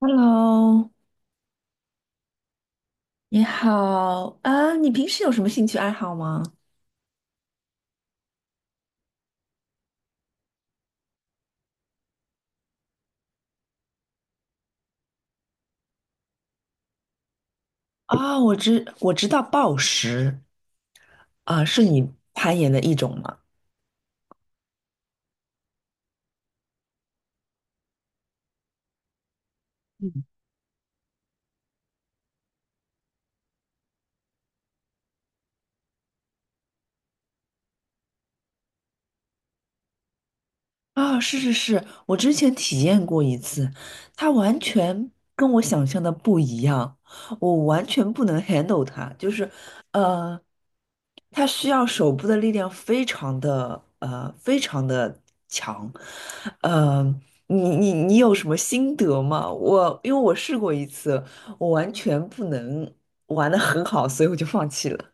Hello，你好啊，你平时有什么兴趣爱好吗？啊，我知道暴食啊，是你攀岩的一种吗？啊，是是是，我之前体验过一次，它完全跟我想象的不一样，我完全不能 handle 它，就是，呃，它需要手部的力量非常的强，呃，你有什么心得吗？我因为我试过一次，我完全不能玩的很好，所以我就放弃了。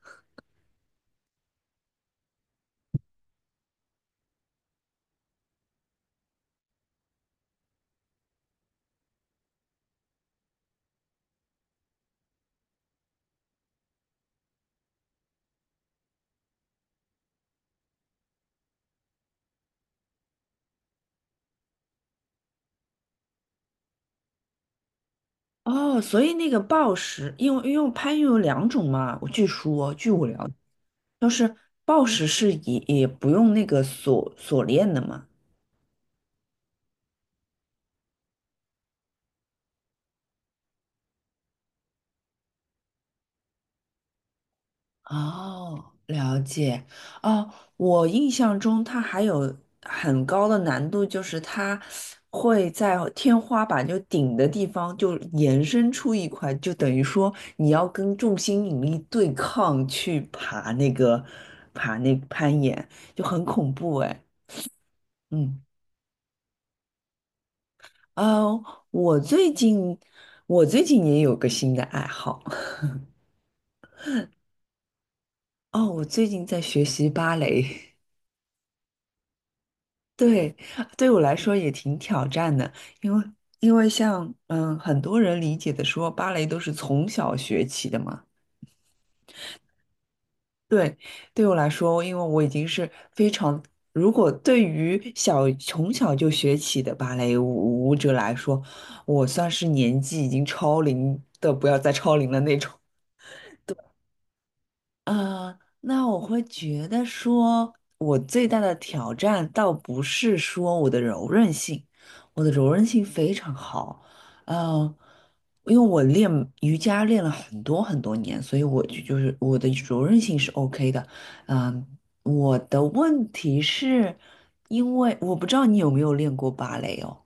哦，所以那个暴食，因为攀岩有两种嘛，我据说据我了就是暴食是也不用那个锁链的嘛。哦，了解。哦，我印象中它还有很高的难度，就是它会在天花板就顶的地方就延伸出一块，就等于说你要跟重心引力对抗去爬那个攀岩，就很恐怖哎。嗯，呃，我最近我最近也有个新的爱好。哦，我最近在学习芭蕾，对，对我来说也挺挑战的，因为像很多人理解的说芭蕾都是从小学起的嘛，对，对我来说，因为我已经是非常，如果对于从小就学起的芭蕾舞者来说，我算是年纪已经超龄的，不要再超龄了那种。那我会觉得说，我最大的挑战倒不是说我的柔韧性，我的柔韧性非常好，嗯，因为我练瑜伽练了很多很多年，所以我就是我的柔韧性是 OK 的，嗯、我的问题是因为我不知道你有没有练过芭蕾哦。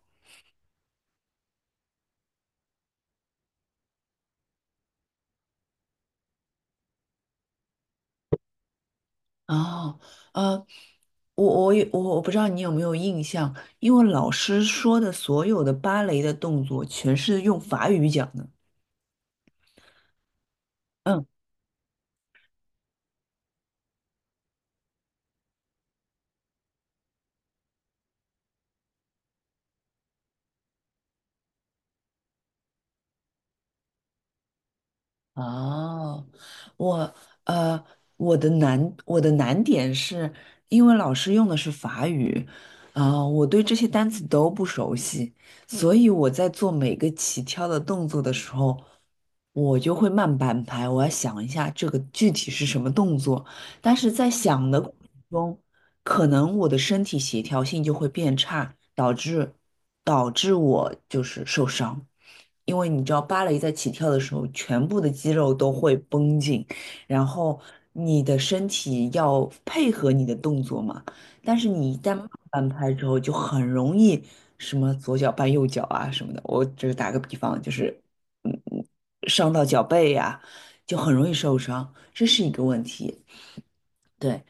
哦，呃，我也不知道你有没有印象，因为老师说的所有的芭蕾的动作全是用法语讲的。嗯，哦，我呃，我的难点是因为老师用的是法语，啊、我对这些单词都不熟悉，所以我在做每个起跳的动作的时候，我就会慢半拍，我要想一下这个具体是什么动作，但是在想的中，可能我的身体协调性就会变差，导致我就是受伤。因为你知道，芭蕾在起跳的时候，全部的肌肉都会绷紧，然后你的身体要配合你的动作嘛。但是你一旦慢半拍之后，就很容易什么左脚绊右脚啊什么的。我只是打个比方，就是嗯嗯，伤到脚背呀、就很容易受伤，这是一个问题。对。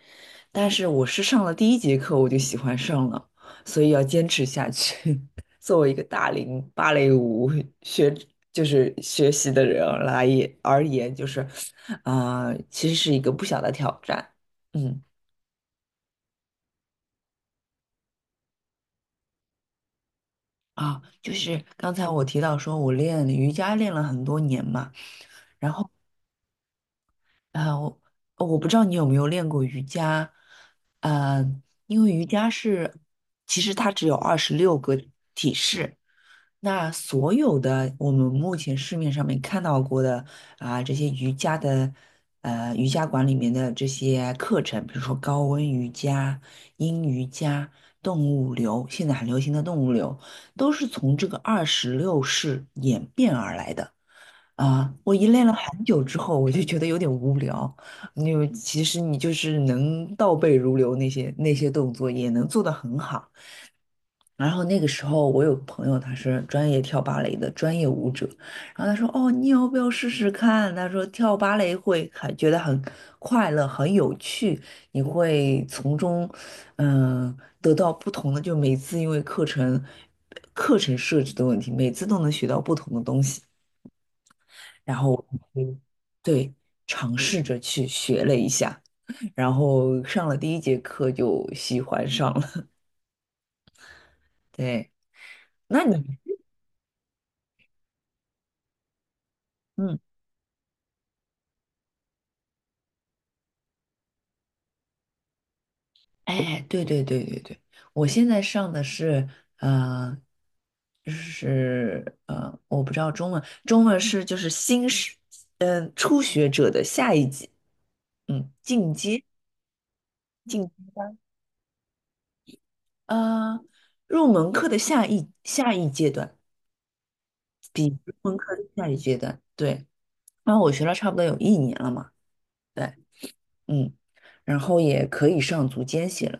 但是我是上了第一节课我就喜欢上了，所以要坚持下去。作为一个大龄芭蕾舞学，就是学习的人来也而言，就是，啊、其实是一个不小的挑战。嗯，啊，就是刚才我提到说我练瑜伽练了很多年嘛，啊、我不知道你有没有练过瑜伽，呃，因为瑜伽是，其实它只有26个体式。那所有的我们目前市面上面看到过的啊，这些瑜伽的，瑜伽馆里面的这些课程，比如说高温瑜伽、阴瑜伽、动物流，现在很流行的动物流，都是从这个26式演变而来的。啊，我一练了很久之后，我就觉得有点无聊。因为其实你就是能倒背如流那些动作，也能做得很好。然后那个时候，我有朋友他是专业跳芭蕾的专业舞者，然后他说：“哦，你要不要试试看？”他说跳芭蕾会还觉得很快乐、很有趣，你会从中得到不同的，就每次因为课程设置的问题，每次都能学到不同的东西。然后我就对尝试着去学了一下，然后上了第一节课就喜欢上了。对，那你嗯。哎，对对对对对，我现在上的是呃，我不知道中文，中文是就是新是初学者的下一级，嗯，进阶进阶班，呃，入门课的下一阶段，入门课的下一阶段，对，然后我学了差不多有一年了嘛，对，嗯，然后也可以上足尖系了，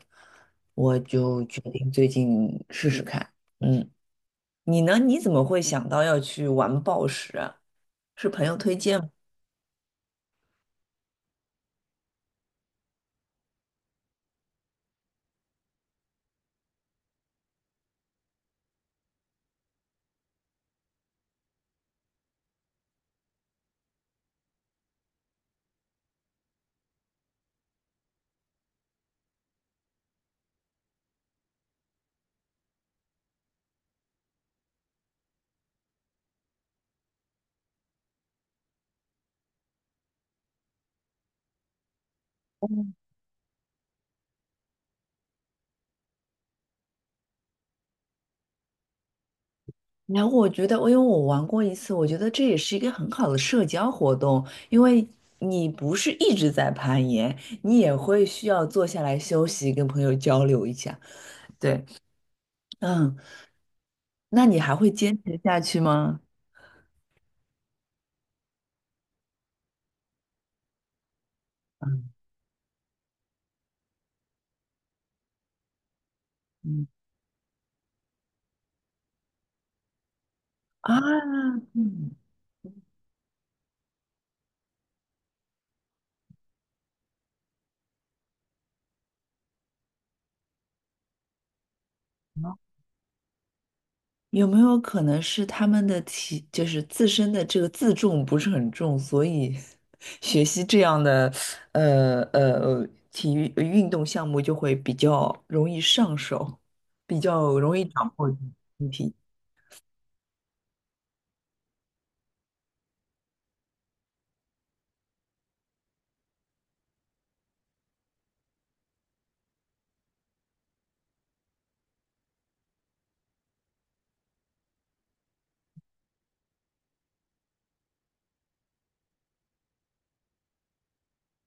我就决定最近试试看，嗯。你呢？你怎么会想到要去玩暴食啊？是朋友推荐吗？然后我觉得，因为我玩过一次，我觉得这也是一个很好的社交活动，因为你不是一直在攀岩，你也会需要坐下来休息，跟朋友交流一下。对，嗯，那你还会坚持下去吗？嗯嗯啊，嗯有没有可能是他们的体，就是自身的这个自重不是很重，所以 学习这样的体育运动项目就会比较容易上手，比较容易掌握身体。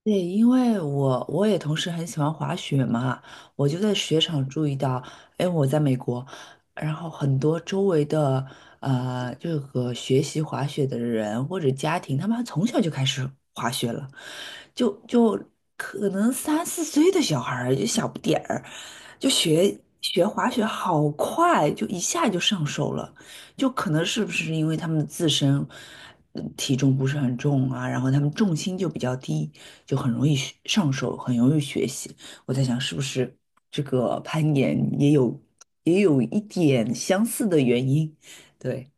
对，因为我也同时很喜欢滑雪嘛，我就在雪场注意到，哎，我在美国，然后很多周围的这个学习滑雪的人或者家庭，他们从小就开始滑雪了，就可能三四岁的小孩儿就小不点儿，就学滑雪好快，就一下就上手了。就可能是不是因为他们自身体重不是很重啊，然后他们重心就比较低，就很容易学上手，很容易学习。我在想，是不是这个攀岩也有一点相似的原因？对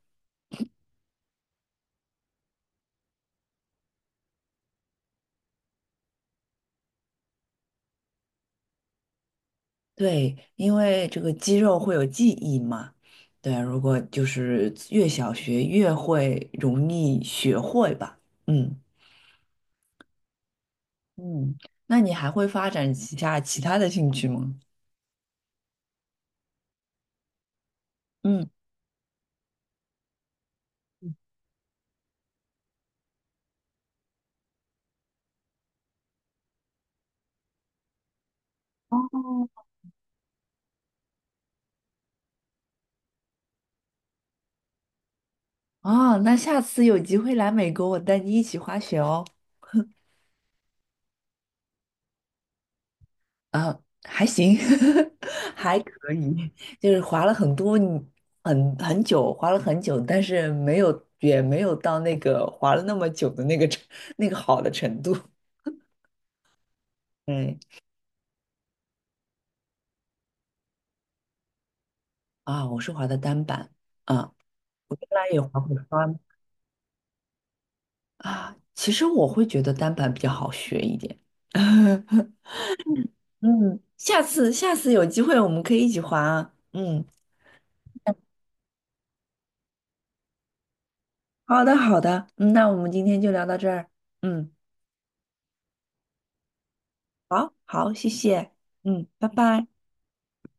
对，因为这个肌肉会有记忆嘛。对啊，如果就是越小学越会容易学会吧。嗯嗯，那你还会发展其他的兴趣吗？嗯。哦，那下次有机会来美国，我带你一起滑雪哦。啊，还行，还可以，就是滑了很多，很久，滑了很久，但是没有，也没有到那个滑了那么久的那个好的程度。对啊，我是滑的单板啊，他也滑过双啊。其实我会觉得单板比较好学一点。嗯，下次有机会我们可以一起滑啊。嗯。好的，好的，嗯，那我们今天就聊到这儿。嗯，好，好，谢谢。嗯，拜拜。